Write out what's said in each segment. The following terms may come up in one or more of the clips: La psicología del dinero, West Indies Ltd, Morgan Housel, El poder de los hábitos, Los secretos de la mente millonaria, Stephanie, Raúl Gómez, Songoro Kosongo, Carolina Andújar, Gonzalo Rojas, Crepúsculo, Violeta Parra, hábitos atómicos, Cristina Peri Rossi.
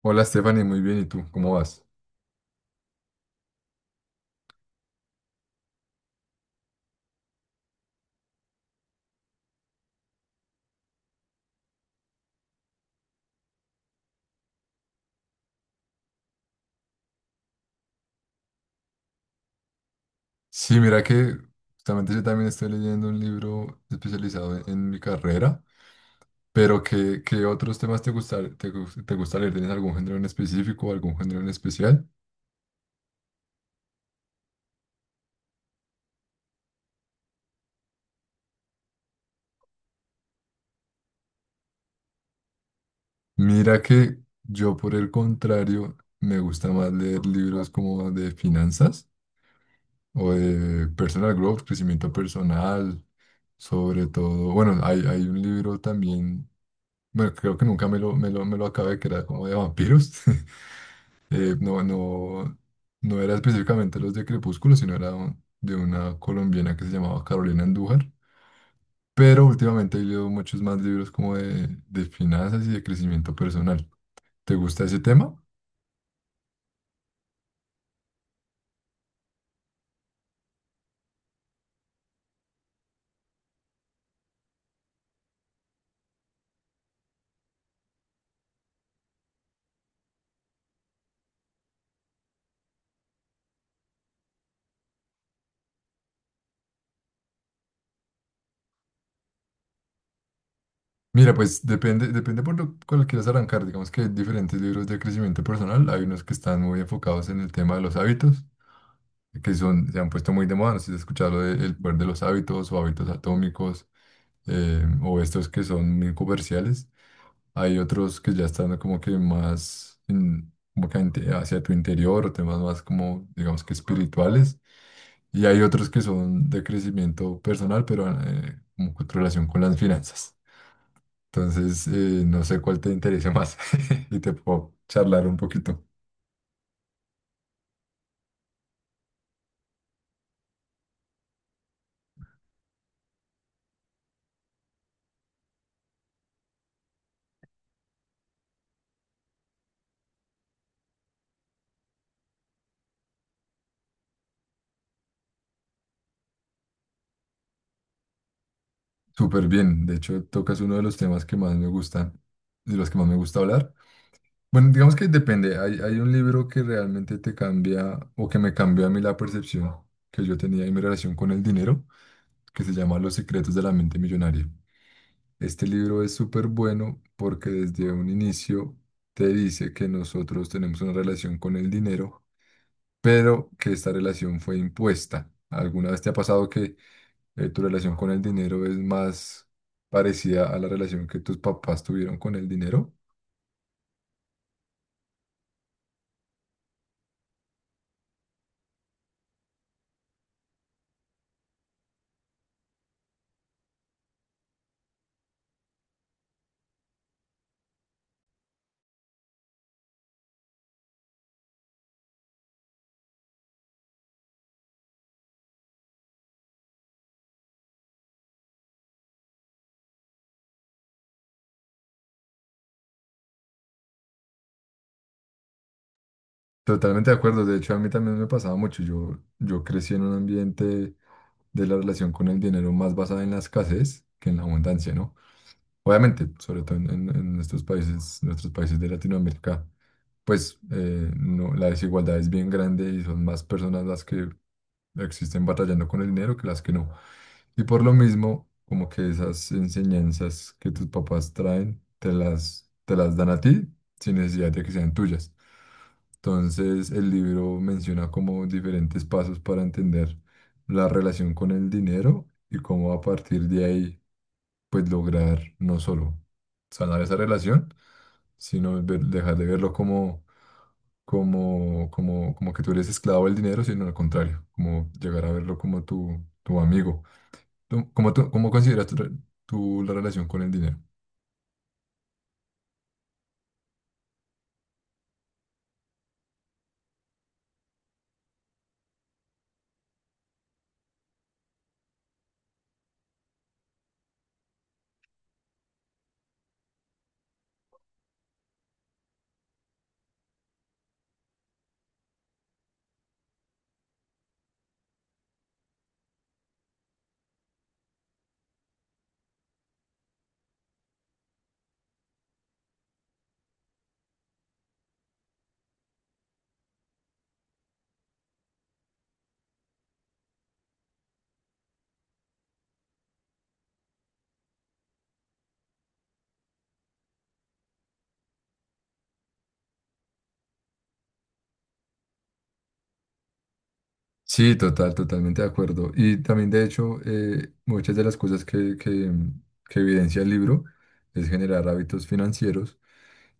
Hola Stephanie, muy bien, ¿y tú? ¿Cómo vas? Sí, mira que justamente yo también estoy leyendo un libro especializado en mi carrera, pero ¿qué otros temas te gusta, te gusta leer? ¿Tienes algún género en específico o algún género en especial? Mira que yo, por el contrario, me gusta más leer libros como de finanzas o de personal growth, crecimiento personal, sobre todo. Bueno, hay un libro también, bueno, creo que nunca me lo acabé, que era como de vampiros. No, no era específicamente los de Crepúsculo, sino era de una colombiana que se llamaba Carolina Andújar. Pero últimamente he leído muchos más libros como de finanzas y de crecimiento personal. ¿Te gusta ese tema? Mira, pues depende, depende por lo cual quieras arrancar. Digamos que hay diferentes libros de crecimiento personal. Hay unos que están muy enfocados en el tema de los hábitos, que son, se han puesto muy de moda. No sé si has escuchado lo de El poder de los hábitos o hábitos atómicos, o estos que son muy comerciales. Hay otros que ya están como que más como que hacia tu interior, o temas más como, digamos que espirituales. Y hay otros que son de crecimiento personal, pero como con relación con las finanzas. Entonces, no sé cuál te interesa más y te puedo charlar un poquito. Súper bien. De hecho, tocas uno de los temas que más me gustan, de los que más me gusta hablar. Bueno, digamos que depende. Hay un libro que realmente te cambia o que me cambió a mí la percepción que yo tenía y mi relación con el dinero, que se llama Los secretos de la mente millonaria. Este libro es súper bueno porque desde un inicio te dice que nosotros tenemos una relación con el dinero, pero que esta relación fue impuesta. ¿Alguna vez te ha pasado que tu relación con el dinero es más parecida a la relación que tus papás tuvieron con el dinero? Totalmente de acuerdo. De hecho, a mí también me pasaba mucho. Yo crecí en un ambiente de la relación con el dinero más basada en la escasez que en la abundancia, ¿no? Obviamente, sobre todo en estos países, nuestros países de Latinoamérica, pues no, la desigualdad es bien grande y son más personas las que existen batallando con el dinero que las que no. Y por lo mismo, como que esas enseñanzas que tus papás traen, te las dan a ti sin necesidad de que sean tuyas. Entonces, el libro menciona como diferentes pasos para entender la relación con el dinero y cómo a partir de ahí, pues lograr no solo sanar esa relación, sino dejar de verlo como, como que tú eres esclavo del dinero, sino al contrario, como llegar a verlo como tu amigo. ¿Cómo consideras tú la relación con el dinero? Sí, totalmente de acuerdo. Y también, de hecho, muchas de las cosas que evidencia el libro es generar hábitos financieros.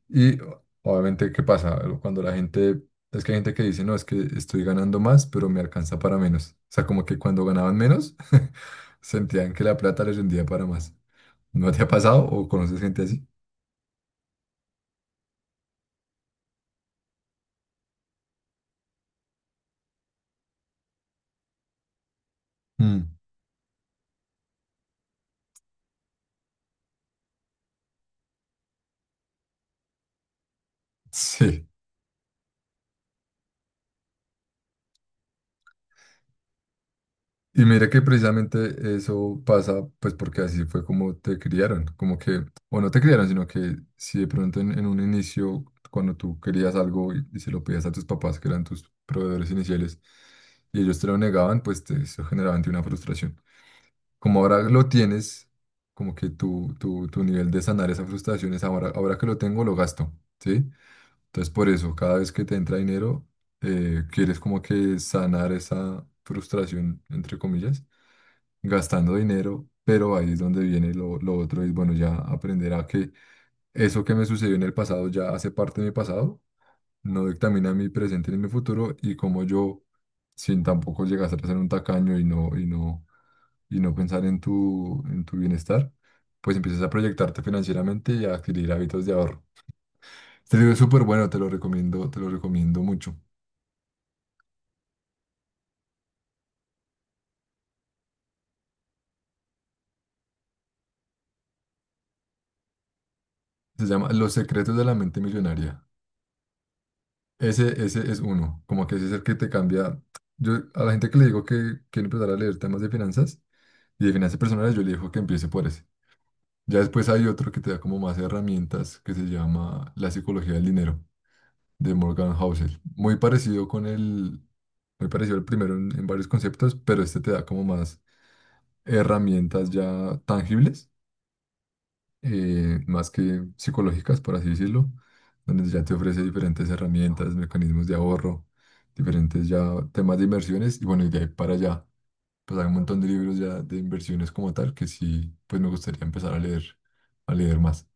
Y obviamente, ¿qué pasa? Cuando la gente, es que hay gente que dice, no, es que estoy ganando más, pero me alcanza para menos. O sea, como que cuando ganaban menos, sentían que la plata les rendía para más. ¿No te ha pasado o conoces gente así? Mm, sí. Y mira que precisamente eso pasa, pues porque así fue como te criaron, como que, o no te criaron, sino que si de pronto en un inicio, cuando tú querías algo y se lo pedías a tus papás, que eran tus proveedores iniciales, y ellos te lo negaban, pues te, eso generaba en ti una frustración. Como ahora lo tienes, como que tu nivel de sanar esa frustración es ahora, ahora que lo tengo, lo gasto, ¿sí? Entonces por eso, cada vez que te entra dinero, quieres como que sanar esa frustración, entre comillas, gastando dinero, pero ahí es donde viene lo otro, es bueno, ya aprender a que eso que me sucedió en el pasado ya hace parte de mi pasado, no dictamina mi presente ni mi futuro, y como yo, sin tampoco llegar a ser un tacaño y no pensar en tu bienestar, pues empiezas a proyectarte financieramente y a adquirir hábitos de ahorro. Este libro es súper bueno, te lo recomiendo mucho. Se llama Los secretos de la mente millonaria. Ese es uno, como que ese es el que te cambia. Yo a la gente que le digo que quiere empezar a leer temas de finanzas y de finanzas personales, yo le digo que empiece por ese. Ya después hay otro que te da como más herramientas que se llama La psicología del dinero de Morgan Housel. Muy parecido muy parecido al primero en varios conceptos, pero este te da como más herramientas ya tangibles, más que psicológicas, por así decirlo, donde ya te ofrece diferentes herramientas, mecanismos de ahorro, diferentes ya temas de inversiones y bueno, y de ahí para allá, pues hay un montón de libros ya de inversiones como tal que sí, pues me gustaría empezar a leer más.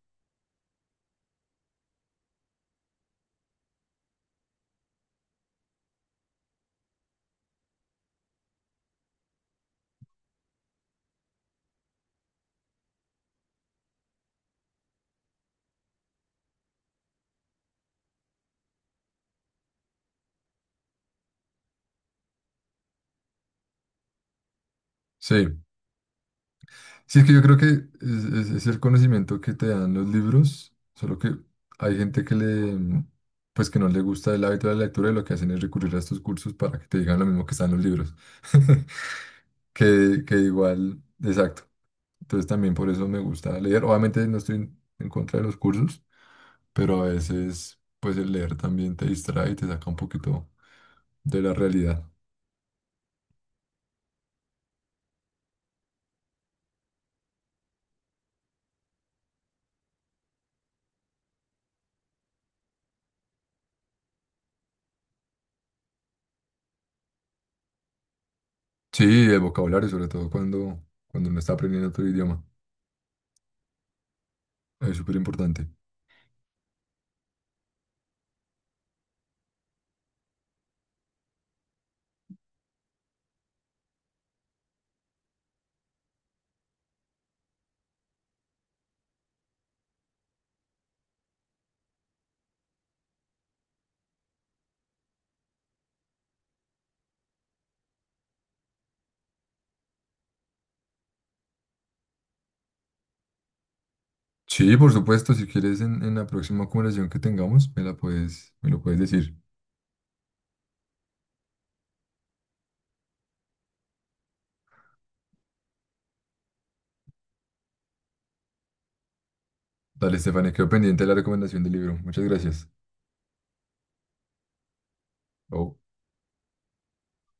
Sí, sí, es que yo creo que es el conocimiento que te dan los libros, solo que hay gente que le... mm, pues que no le gusta el hábito de la lectura y lo que hacen es recurrir a estos cursos para que te digan lo mismo que están los libros. Que igual, exacto. Entonces también por eso me gusta leer. Obviamente no estoy en contra de los cursos, pero a veces pues el leer también te distrae y te saca un poquito de la realidad. Sí, el vocabulario, sobre todo cuando, cuando uno está aprendiendo otro idioma, es súper importante. Sí, por supuesto, si quieres en la próxima conversación que tengamos, me lo puedes decir. Dale, Estefania, quedo pendiente de la recomendación del libro. Muchas gracias. Chao.